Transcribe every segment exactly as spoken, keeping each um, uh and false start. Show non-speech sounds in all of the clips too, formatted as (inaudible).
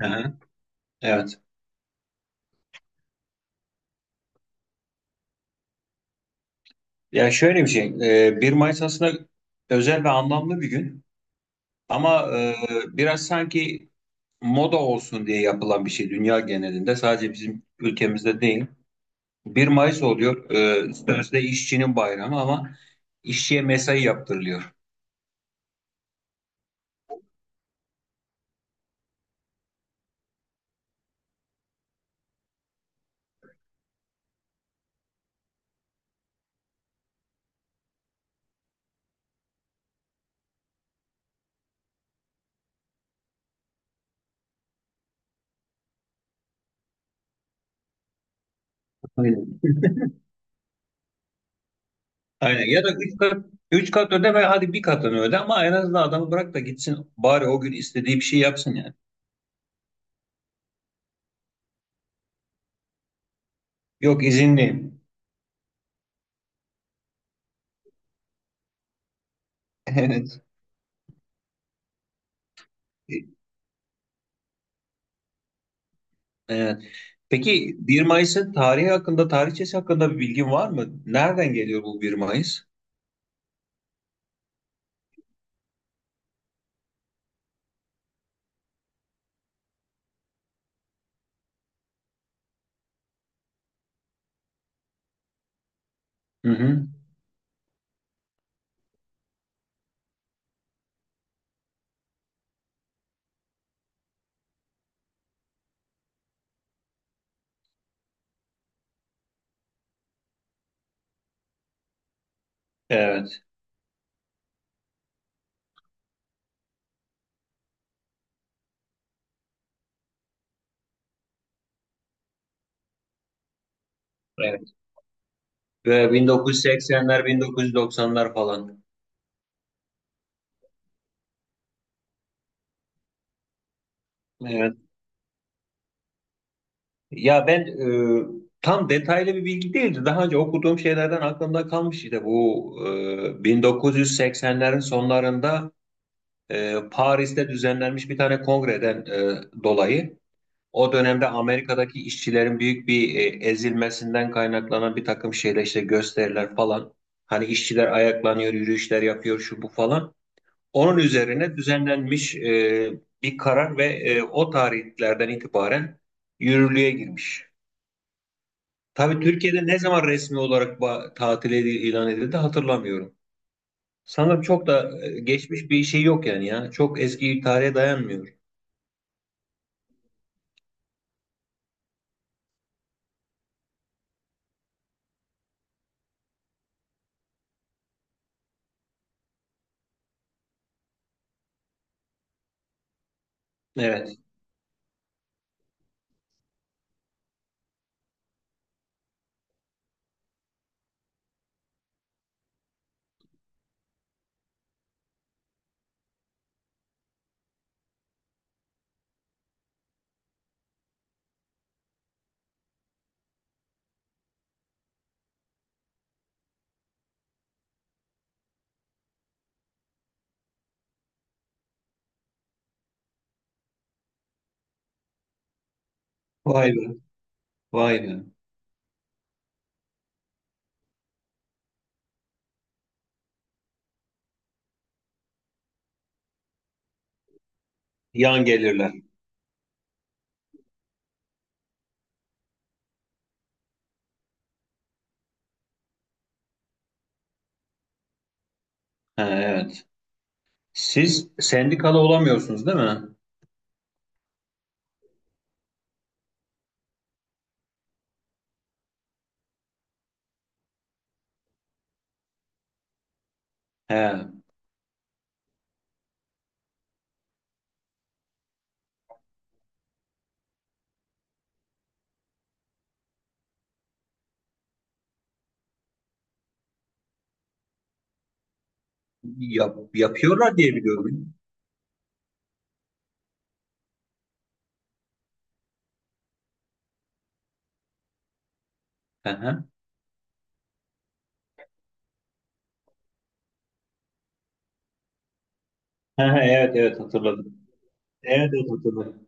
Hı hı. Evet. Ya şöyle bir şey, e, bir Mayıs aslında özel ve anlamlı bir gün ama e, biraz sanki moda olsun diye yapılan bir şey dünya genelinde, sadece bizim ülkemizde değil. Bir Mayıs oluyor, e, sözde işçinin bayramı ama işçiye mesai yaptırılıyor. Aynen. Aynen. Ya da üç kat, üç kat öde ve hadi bir katını öde ama en azından adamı bırak da gitsin, bari o gün istediği bir şey yapsın yani. Yok, izinliyim. (laughs) Evet. Evet. Peki, bir Mayıs'ın tarihi hakkında, tarihçesi hakkında bir bilgin var mı? Nereden geliyor bu bir Mayıs? Hı hı. Evet, evet. Böyle bin dokuz yüz seksenler, bin dokuz yüz doksanlar falan. Evet. Ya ben e, tam detaylı bir bilgi değildi. Daha önce okuduğum şeylerden aklımda kalmış, işte bu e, bin dokuz yüz seksenlerin sonlarında e, Paris'te düzenlenmiş bir tane kongreden e, dolayı. O dönemde Amerika'daki işçilerin büyük bir e, ezilmesinden kaynaklanan bir takım şeyler, işte gösteriler falan. Hani işçiler ayaklanıyor, yürüyüşler yapıyor, şu bu falan. Onun üzerine düzenlenmiş e, bir karar ve e, o tarihlerden itibaren yürürlüğe girmiş. Tabii Türkiye'de ne zaman resmi olarak ba- tatil edi- ilan edildi hatırlamıyorum. Sanırım çok da e, geçmiş bir şey yok yani ya. Çok eski bir tarihe dayanmıyor. Evet. Vay be. Vay be. Yan gelirler. Ha, evet. Siz sendikalı olamıyorsunuz değil mi? He. Yap, yapıyorlar diye biliyorum. Hı hı. Hı hı, evet, evet, hatırladım. Evet, evet, hatırladım.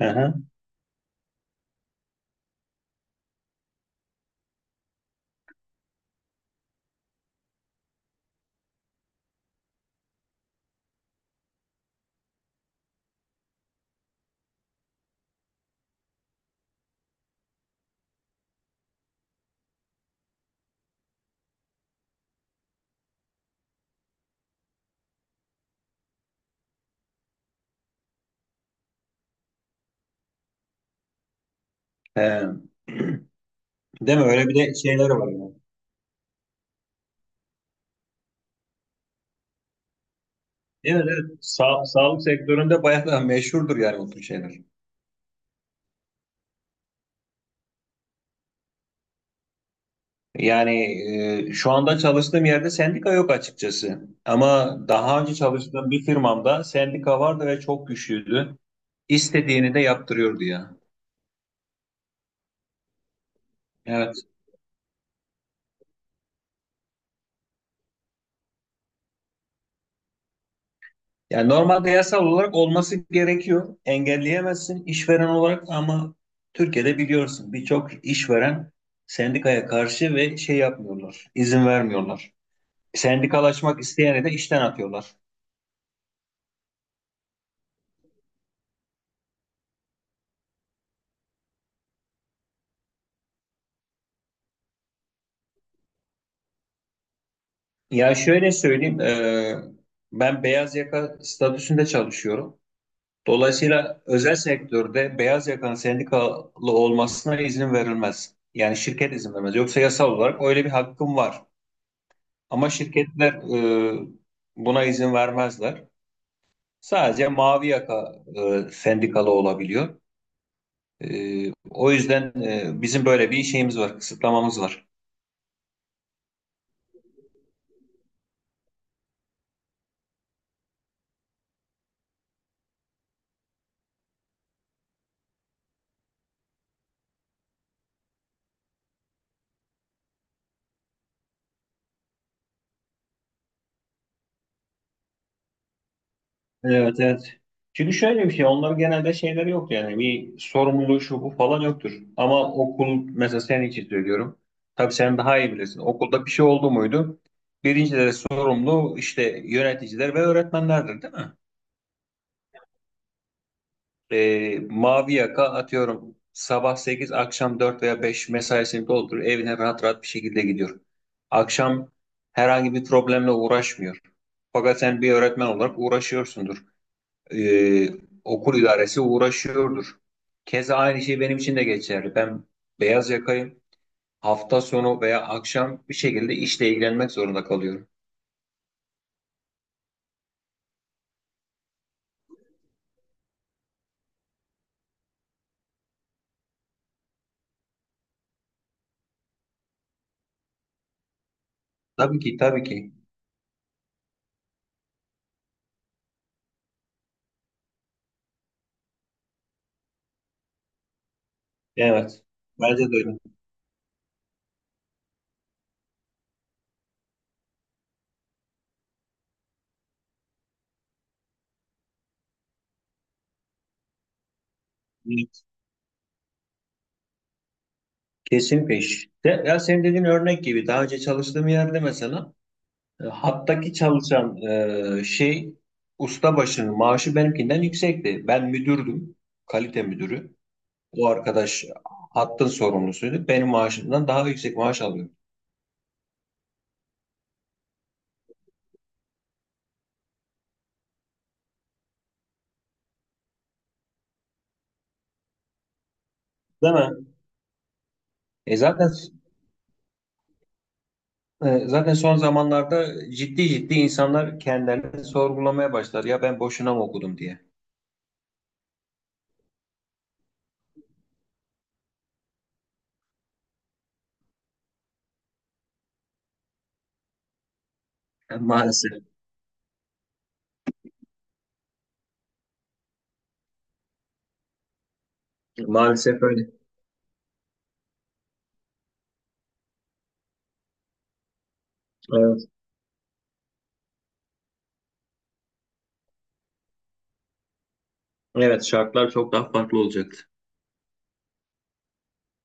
Hı hı. He. (clears throat) Değil mi? Öyle bir de şeyler var yani. Evet, evet. Sa sağlık sektöründe bayağı da meşhurdur yani, o tür şeyler. Yani e, şu anda çalıştığım yerde sendika yok açıkçası. Ama daha önce çalıştığım bir firmamda sendika vardı ve çok güçlüydü. İstediğini de yaptırıyordu ya. Evet. Yani normalde yasal olarak olması gerekiyor. Engelleyemezsin işveren olarak ama Türkiye'de biliyorsun birçok işveren sendikaya karşı ve şey yapmıyorlar, izin vermiyorlar. Sendikalaşmak isteyeni de işten atıyorlar. Ya şöyle söyleyeyim, e, ben beyaz yaka statüsünde çalışıyorum. Dolayısıyla özel sektörde beyaz yakanın sendikalı olmasına izin verilmez. Yani şirket izin vermez. Yoksa yasal olarak öyle bir hakkım var. Ama şirketler e, buna izin vermezler. Sadece mavi yaka e, sendikalı olabiliyor. E, o yüzden e, bizim böyle bir şeyimiz var, kısıtlamamız var. Evet, evet. Çünkü şöyle bir şey, onların genelde şeyleri yok yani, bir sorumluluğu şu bu falan yoktur. Ama okul mesela, senin için söylüyorum. Tabii sen daha iyi bilirsin. Okulda bir şey oldu muydu? Birinci derece sorumlu, işte yöneticiler ve öğretmenlerdir değil mi? e, mavi yaka, atıyorum, sabah sekiz, akşam dört veya beş mesaisini dolduruyor, evine rahat rahat bir şekilde gidiyor. Akşam herhangi bir problemle uğraşmıyor. Fakat sen bir öğretmen olarak uğraşıyorsundur. E, okul idaresi uğraşıyordur. Keza aynı şey benim için de geçerli. Ben beyaz yakayım. Hafta sonu veya akşam bir şekilde işle ilgilenmek zorunda kalıyorum. Tabii ki, tabii ki. Evet. Bence de öyle. Kesinlikle. İşte. Ya senin dediğin örnek gibi, daha önce çalıştığım yerde mesela e, hattaki çalışan e, şey ustabaşının maaşı benimkinden yüksekti. Ben müdürdüm. Kalite müdürü. O arkadaş hattın sorumlusuydu. Benim maaşımdan daha yüksek maaş alıyordu. Değil mi? E zaten e, zaten son zamanlarda ciddi ciddi insanlar kendilerini sorgulamaya başlar. Ya ben boşuna mı okudum diye. E, maalesef. Maalesef öyle. Evet. Evet, şartlar çok daha farklı olacaktı.